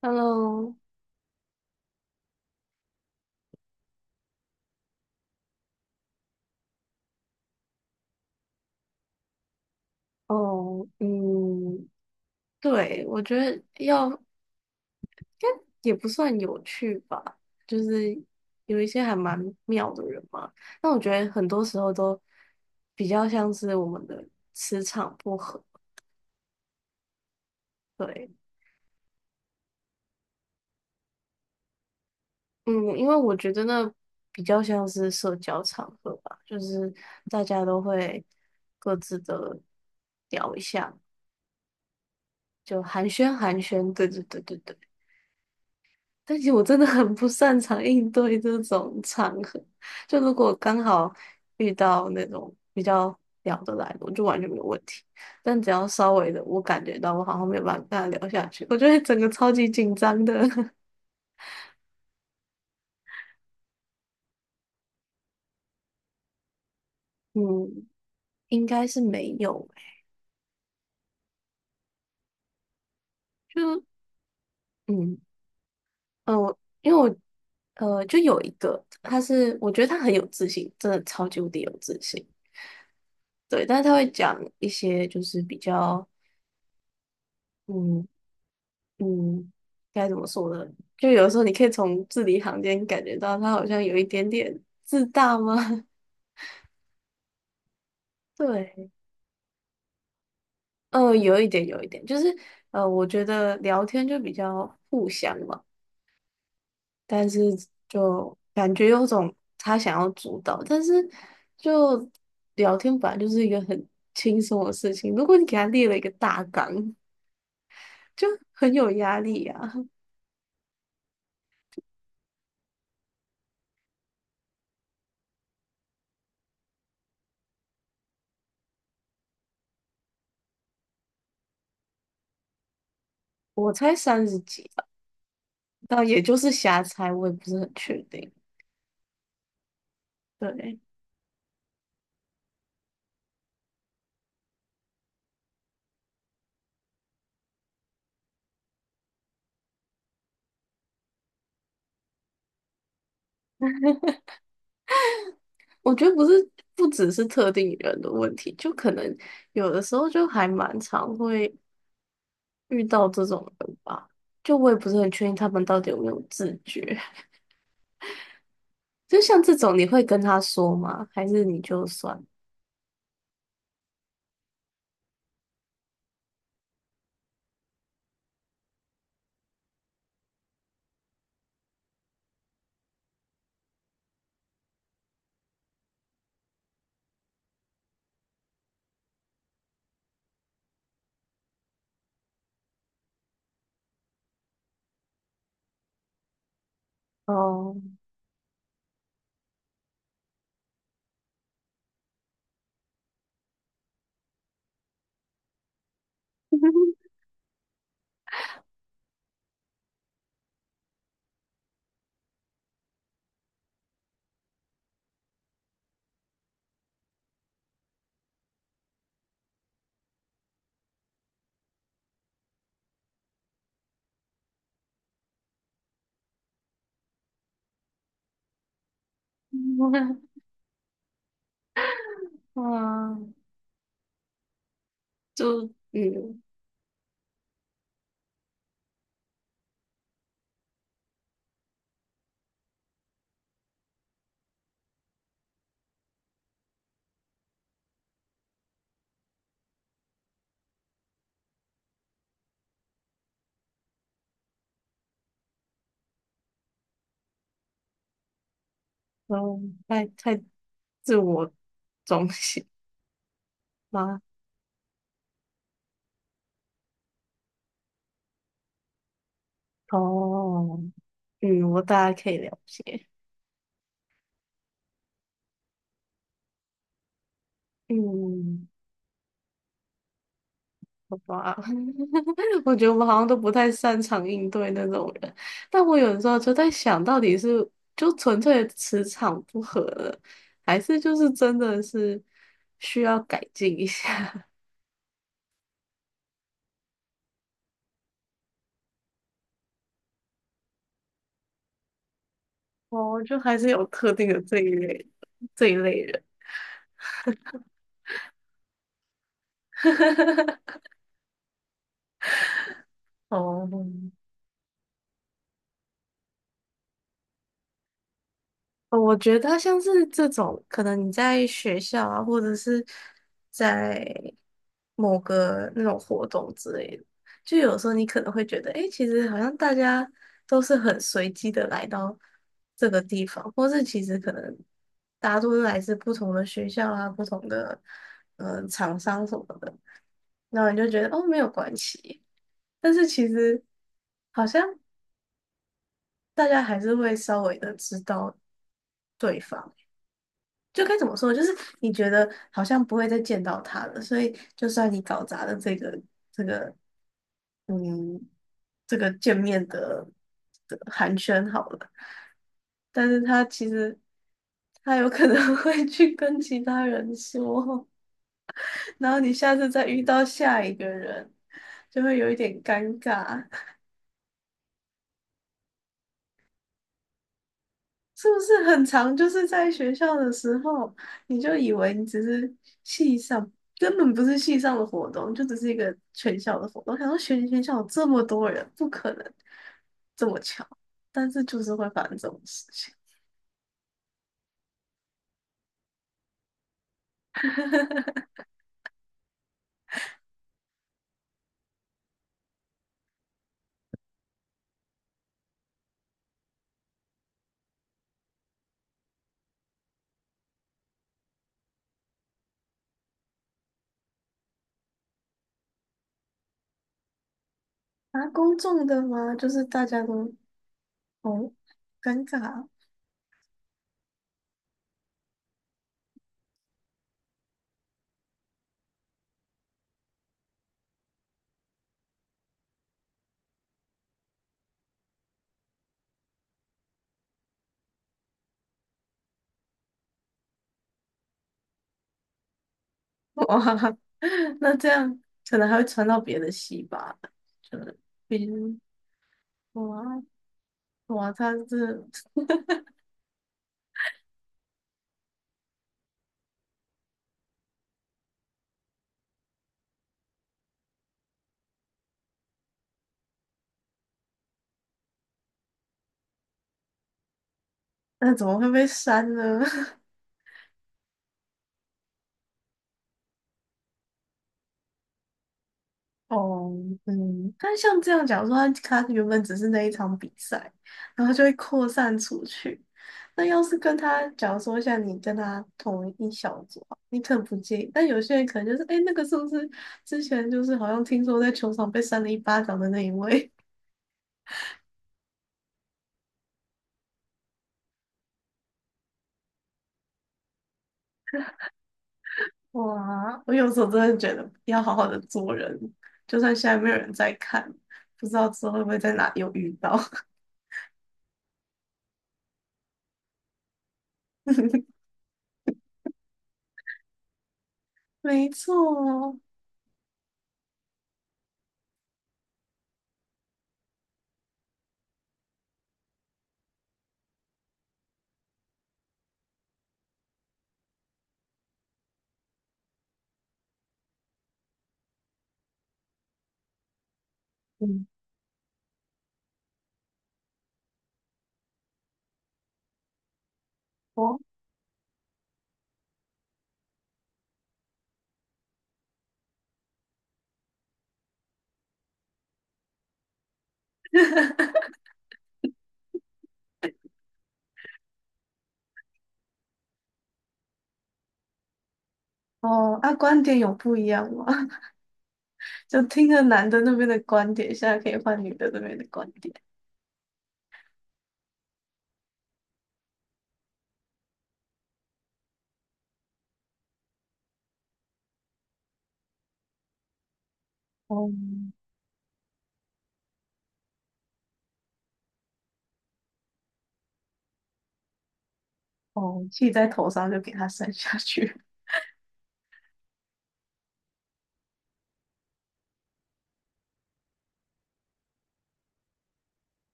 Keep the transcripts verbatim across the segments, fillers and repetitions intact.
Hello,哦，嗯，对，我觉得要也不算有趣吧，就是有一些还蛮妙的人嘛。但我觉得很多时候都比较像是我们的磁场不合。对，嗯，因为我觉得那比较像是社交场合吧，就是大家都会各自的聊一下，就寒暄寒暄。对对对对对。但其实我真的很不擅长应对这种场合。就如果刚好遇到那种比较聊得来的，我就完全没有问题。但只要稍微的，我感觉到我好像没有办法跟他聊下去，我就会整个超级紧张的。嗯，应该是没有欸。就嗯呃，我因为我呃就有一个，他是我觉得他很有自信，真的超级无敌有自信。对，但是他会讲一些就是比较。嗯。嗯，该怎么说呢？就有的时候你可以从字里行间感觉到他好像有一点点自大吗？对，呃，有一点，有一点，就是呃，我觉得聊天就比较互相嘛，但是就感觉有种他想要主导，但是就聊天本来就是一个很轻松的事情，如果你给他列了一个大纲，就很有压力啊。我才三十几吧，但也就是瞎猜，我也不是很确定。对。我觉得不是，不只是特定人的问题，就可能有的时候就还蛮常会遇到这种人吧。就我也不是很确定他们到底有没有自觉。就像这种，你会跟他说吗？还是你就算哦，啊，就嗯，哦，太太自我中心吗？哦，嗯，我大概可以了解，嗯。好吧，我觉得我们好像都不太擅长应对那种人，但我有的时候就在想，到底是就纯粹的磁场不合了，还是就是真的是需要改进一下？哦，就还是有特定的这一类这一类人。哦，呃我觉得像是这种，可能你在学校啊，或者是在某个那种活动之类的，就有时候你可能会觉得，诶，其实好像大家都是很随机的来到这个地方，或是其实可能大家都是来自不同的学校啊、不同的呃厂商什么的，然后你就觉得哦没有关系，但是其实好像大家还是会稍微的知道对方。就该怎么说，就是你觉得好像不会再见到他了，所以就算你搞砸了这个，嗯，这个见面的的寒暄好了，但是他其实他有可能 会去跟其他人说，然后你下次再遇到下一个人，就会有一点尴尬。是不是很长？就是在学校的时候，你就以为你只是系上，根本不是系上的活动，就只是一个全校的活动。想说全全校有这么多人，不可能这么巧，但是就是会发生这种事情。啊，公众的吗？就是大家都哦，尴尬哇，那这样可能还会传到别的系吧？就是，比如哇哇，他是 那怎么会被删呢？哦，嗯，但像这样，假如说他他原本只是那一场比赛，然后就会扩散出去。那要是跟他，假如说像你跟他同一小组啊你可能不介意，但有些人可能就是，哎，那个是不是之前就是好像听说在球场被扇了一巴掌的那一位？哇，我有时候真的觉得要好好的做人，就算现在没有人在看，不知道之后会不会在哪又遇到。没错，嗯，哦。哦，那观点有不一样吗？就听了男的那边的观点，现在可以换女的那边的观点。哦哦，气在头上就给他生下去，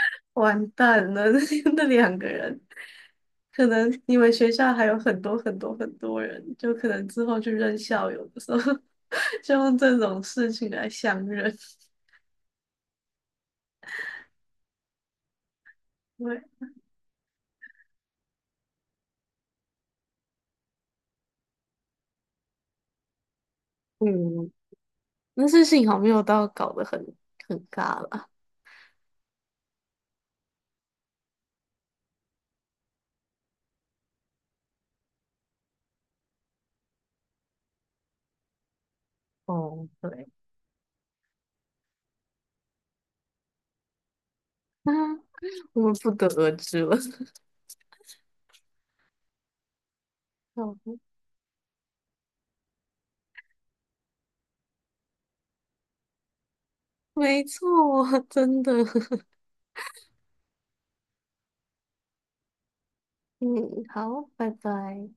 完蛋了！那两个人，可能你们学校还有很多很多很多人，就可能之后去认校友的时候，就用这种事情来相认。对，嗯，但是幸好没有到搞得很很尬了。哦，对，那我们不得而知了。没错，真的。嗯，好，拜拜。